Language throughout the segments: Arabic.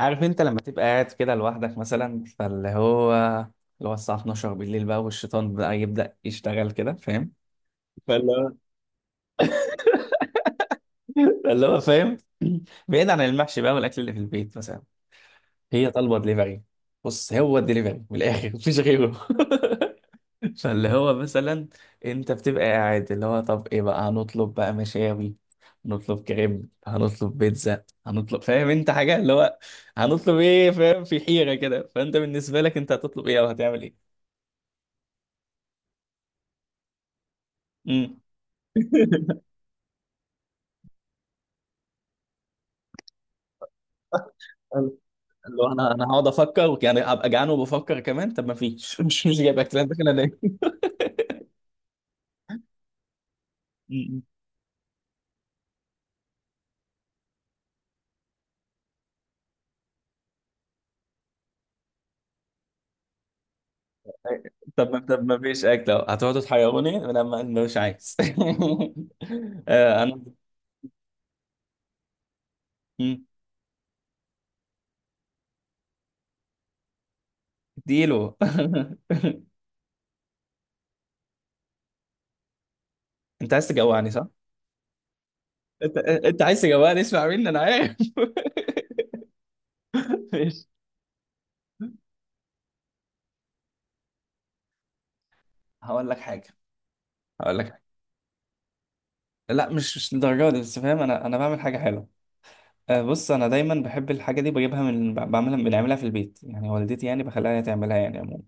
عارف انت لما تبقى قاعد كده لوحدك مثلا فاللي هو اللي هو الساعة 12 بالليل بقى، والشيطان بقى يبدأ يشتغل كده فاهم. فاللي هو فاللي هو فاهم. بعيد عن المحشي بقى والأكل اللي في البيت مثلا، هي طالبة دليفري. بص، هو الدليفري من الآخر مفيش غيره. فاللي هو مثلا انت بتبقى قاعد، اللي هو طب ايه بقى؟ هنطلب بقى مشاوي، هنطلب كريم، هنطلب بيتزا، هنطلب، فاهم انت، حاجة؟ اللي هو هنطلب ايه؟ فاهم، في حيرة كده. فانت بالنسبة لك، انت هتطلب ايه او هتعمل ايه؟ امم اللي هو انا هقعد افكر، يعني هبقى جعان وبفكر كمان طب ما فيش. مش جايب اكل، انا داخل انام. أمم. طب ما، طب ما فيش اكل اهو، هتقعدوا تحيروني لما مش عايز. آه، انا ديلو. انت عايز تجوعني صح؟ انت عايز تجوعني، اسمع مني انا عارف. ماشي. هقول لك حاجه، هقول لك حاجه، لا مش للدرجه دي، بس فاهم، انا بعمل حاجه حلوه. آه، بص انا دايما بحب الحاجه دي، بجيبها من بعملها، بنعملها في البيت يعني، والدتي يعني بخليها هي تعملها يعني عموما.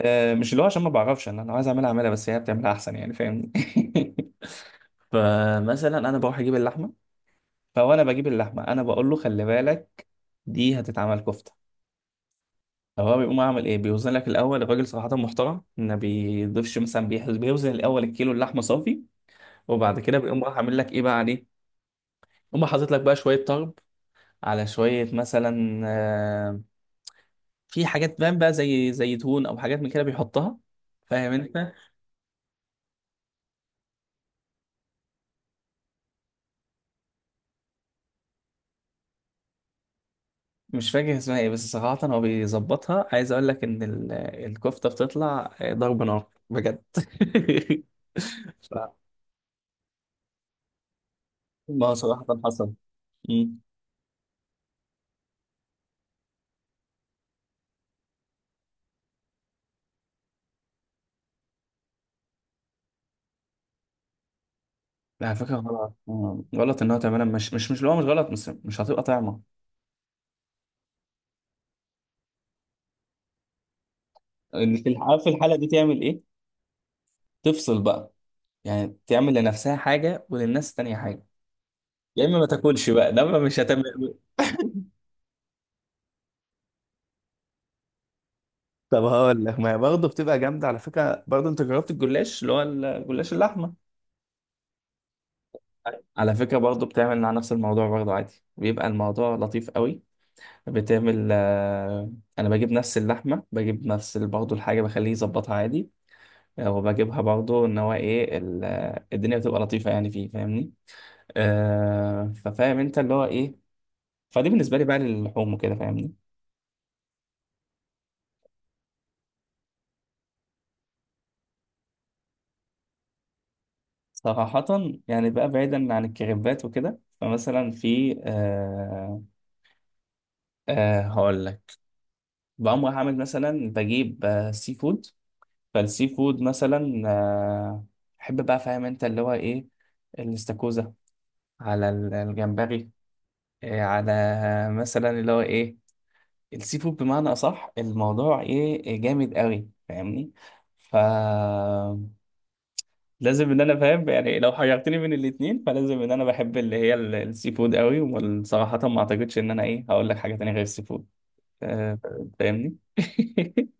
آه، مش اللي هو عشان ما بعرفش، انا لو عايز اعملها اعملها، بس هي بتعملها احسن يعني فاهمني. فمثلا انا بروح اجيب اللحمه، فوانا بجيب اللحمه انا بقول له خلي بالك دي هتتعمل كفته. هو بيقوم عامل ايه؟ بيوزن لك الاول، الراجل صراحه محترم، ما بيضيفش مثلا، بيوزن الاول الكيلو اللحمه صافي، وبعد كده بيقوم راح عامل لك ايه بقى عليه، يقوم حاطط لك بقى شويه طرب، على شويه مثلا آه، في حاجات بقى زي زيتون او حاجات من كده بيحطها، فاهم انت. مش فاكر اسمها ايه، بس صراحه هو بيظبطها. عايز اقول لك ان الكفته بتطلع آه، ضرب نار بجد. ف- ما هو صراحه حصل. لا، على فكرة غلط، آه، غلط ان هو تعملها، مش اللي هو مش غلط، بس مش هتبقى طعمة. اللي في عارف الحالة دي تعمل ايه؟ تفصل بقى، يعني تعمل لنفسها حاجة وللناس تانية حاجة. يا اما ما تاكلش بقى ده، ما مش هتعمل. طب هقول لك، ما هي برضه بتبقى جامدة على فكرة، برضه انت جربت الجلاش؟ اللي هو الجلاش اللحمة، على فكرة برضه، بتعمل مع نفس الموضوع برضه عادي، بيبقى الموضوع لطيف قوي، بتعمل آه، انا بجيب نفس اللحمة، بجيب نفس برضه الحاجة، بخليه يظبطها عادي، وبجيبها برضو ان هو ايه آه، الدنيا بتبقى لطيفه يعني فيه، فاهمني. آه، ففاهم انت اللي هو ايه، فدي بالنسبه لي بقى للحوم وكده، فاهمني. صراحه يعني بقى بعيدا عن الكريبات وكده، فمثلا في آه، آه هقول لك، بقوم رايح اعمل مثلا، بجيب آه سي فود. فالسي فود مثلا آه، احب بقى فاهم انت اللي هو ايه، الاستاكوزا، على الجمبري، آه، على مثلا اللي هو ايه، السي فود بمعنى اصح، الموضوع ايه، إيه، جامد قوي فاهمني. ف لازم ان انا فاهم يعني، لو حيرتني بين الاتنين فلازم ان انا بحب اللي هي السي فود قوي، وصراحة ما اعتقدش ان انا ايه، هقول لك حاجة تانية غير السي فود. آه، فاهمني.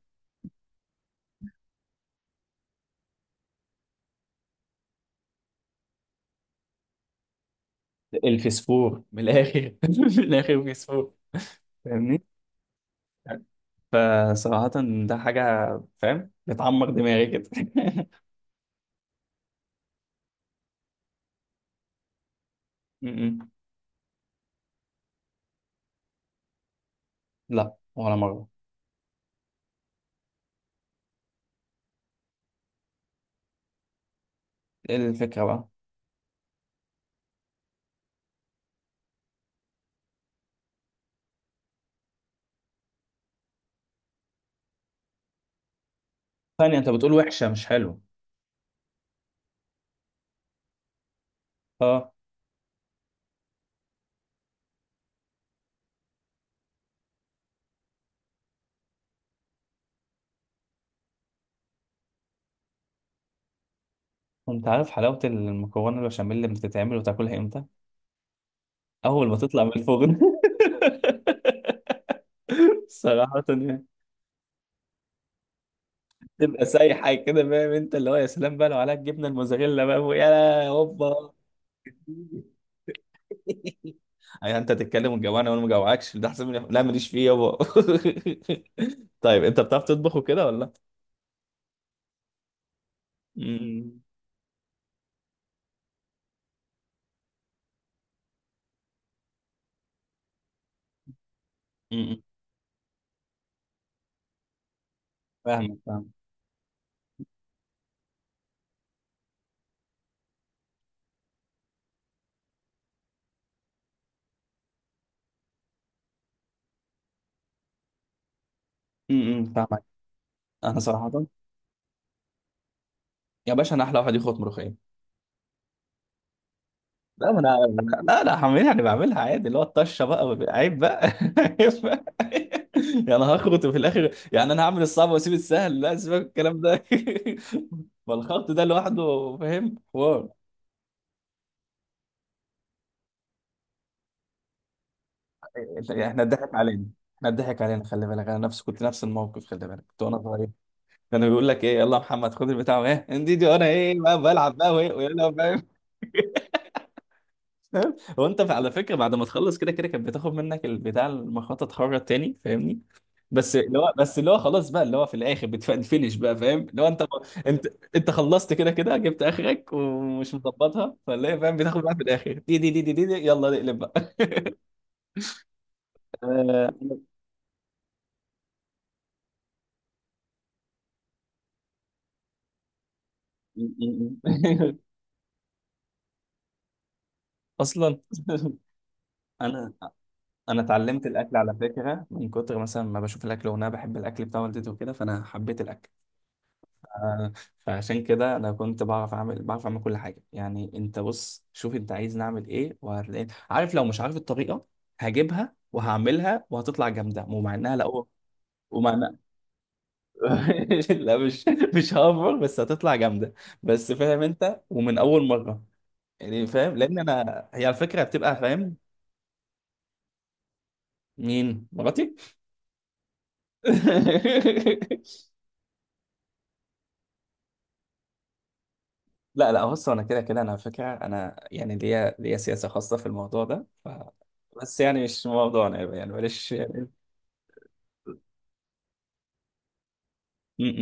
الفسفور من الاخر. من الاخر فسفور. فاهمني. فصراحة ده حاجة، فاهم، بتعمر دماغي كده. م- م. لا ولا مرة. ايه الفكرة بقى؟ ثانية، انت بتقول وحشة مش حلوة؟ اه. انت عارف حلاوة المكرونة البشاميل اللي بتتعمل وتاكلها امتى؟ اول ما تطلع من الفرن. صراحة يعني تبقى سايحة كده، فاهم انت اللي هو، يا سلام بقى لو عليها الجبنة الموزاريلا بقى يا هوبا. يعني انت تتكلم وتجوعني، وانا ما جوعكش، ده احسن من لا، ماليش فيه يابا. طيب انت بتعرف تطبخ وكده ولا لا؟ امم. امم. فاهمك فاهمك. امم، فاهمك. انا صراحة، يا باشا انا احلى واحد يخبط ملوخية. لا، ما انا، لا لا، هعملها انا بعملها عادي، اللي هو الطشه بقى عيب بقى. عيب بقى. يعني انا هخرط في الاخر؟ يعني انا هعمل الصعب واسيب السهل؟ لا، سيبك من الكلام ده. فالخط ده لوحده، فاهم حوار. يعني احنا اتضحك علينا؟ احنا اتضحك علينا، خلي بالك، انا نفسي كنت نفس الموقف، خلي بالك، كنت وانا صغير كانوا بيقول لك ايه، يلا يا محمد خد البتاع وايه انديدي، وانا ايه بقى بلعب بقى وايه ويلا، فاهم. فاهم، هو انت على فكره بعد ما تخلص كده كده كانت بتاخد منك البتاع المخطط، تخرج تاني فاهمني. بس اللي هو، بس اللي هو خلاص بقى اللي هو في الاخر بتفنش. بقى فاهم اللي هو انت، انت انت خلصت كده كده، جبت اخرك ومش مظبطها، فاللي هي فاهم، بتاخد بقى في الاخر دي يلا نقلب بقى. آه، اصلا انا انا اتعلمت الاكل على فكره من كتر مثلا ما بشوف الاكل، وانا بحب الاكل بتاع والدتي وكده، فانا حبيت الاكل. آه، فعشان كده انا كنت بعرف اعمل، بعرف اعمل كل حاجه يعني، انت بص شوف انت عايز نعمل ايه، وهتلاقي عارف لو مش عارف الطريقه، هجيبها وهعملها وهتطلع جامده. ومع انها لا، ومع لا، مش هافر، بس هتطلع جامده، بس فاهم انت، ومن اول مره يعني، فاهم، لان انا هي على فكره بتبقى فاهم. مين مراتي؟ لا لا، بص انا كده كده، انا على فكره انا يعني، ليا سياسه خاصه في الموضوع ده. بس يعني مش موضوعنا يعني، معلش. م- م.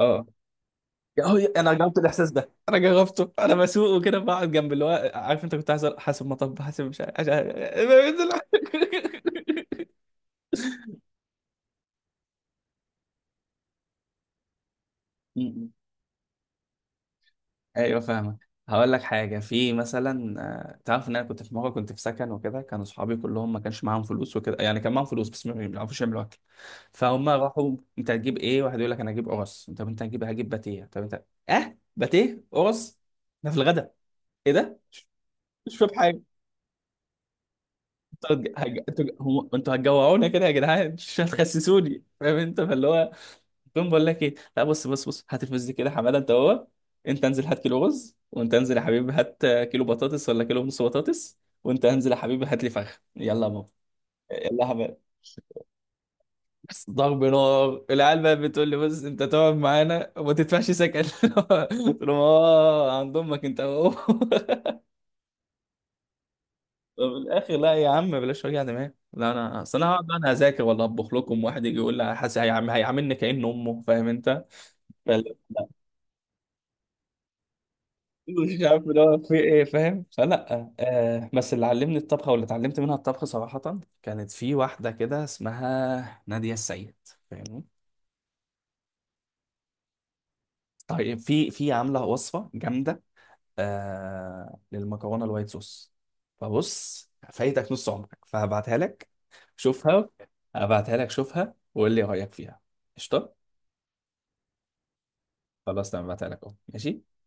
اه، يا هو انا جربت الاحساس ده، انا جربته، انا بسوق وكده، بقعد جنب اللي هو عارف انت، كنت حاسب، حاسب مطب، حاسب مش عارف عشان. م- م. ايوه فاهمك. هقول لك حاجه في مثلا آه، تعرف ان انا كنت في مره، كنت في سكن وكده، كانوا صحابي كلهم ما كانش معاهم فلوس وكده، يعني كان معاهم فلوس بس ما بيعرفوش يعملوا اكل. فهم راحوا انت هتجيب ايه؟ واحد يقول لك انا هجيب قرص، طب انت هتجيب؟ هجيب باتيه، طب انت؟ اه، باتيه قرص ده في الغدا؟ ايه ده؟ مش فاهم حاجه. انتوا هتج- هج- انتوا هم- انتوا هتجوعونا كده يا جدعان، مش هتخسسوني فاهم انت، فاللي هو تقوم بقول لك ايه؟ لا، بص بص هات الفلوس دي كده يا حماده. انت هو، انت انزل هات كيلو رز، وانت انزل يا حبيبي هات كيلو بطاطس ولا كيلو ونص بطاطس، وانت انزل يا حبيبي هات لي فخذ، يلا يا بابا، يلا يا حماد. بس ضرب نار. العيال بقى بتقول لي، بص انت تقعد معانا وما تدفعش سكن. قلت لهم اه، عند امك انت اهو. من الاخر، لا يا عم بلاش وجع دماغ، لا انا، اصل انا هقعد بقى انا اذاكر ولا اطبخ لكم؟ واحد يجي يقول لي حاسس، هيعاملني كأن امه، فاهم انت. لا، مش عارف اللي هو في ايه، فاهم، فلا آه، بس اللي علمني الطبخه واللي اتعلمت منها الطبخ صراحه كانت في واحده كده اسمها ناديه السيد، فاهمني. طيب في عامله وصفه جامده آه، للمكرونه الوايت صوص، فبص فايتك نص عمرك، فهبعتها لك شوفها. هبعتها لك شوفها، وقول لي رايك فيها، قشطه؟ خلاص تمام، هبعتها لك اهو، ماشي.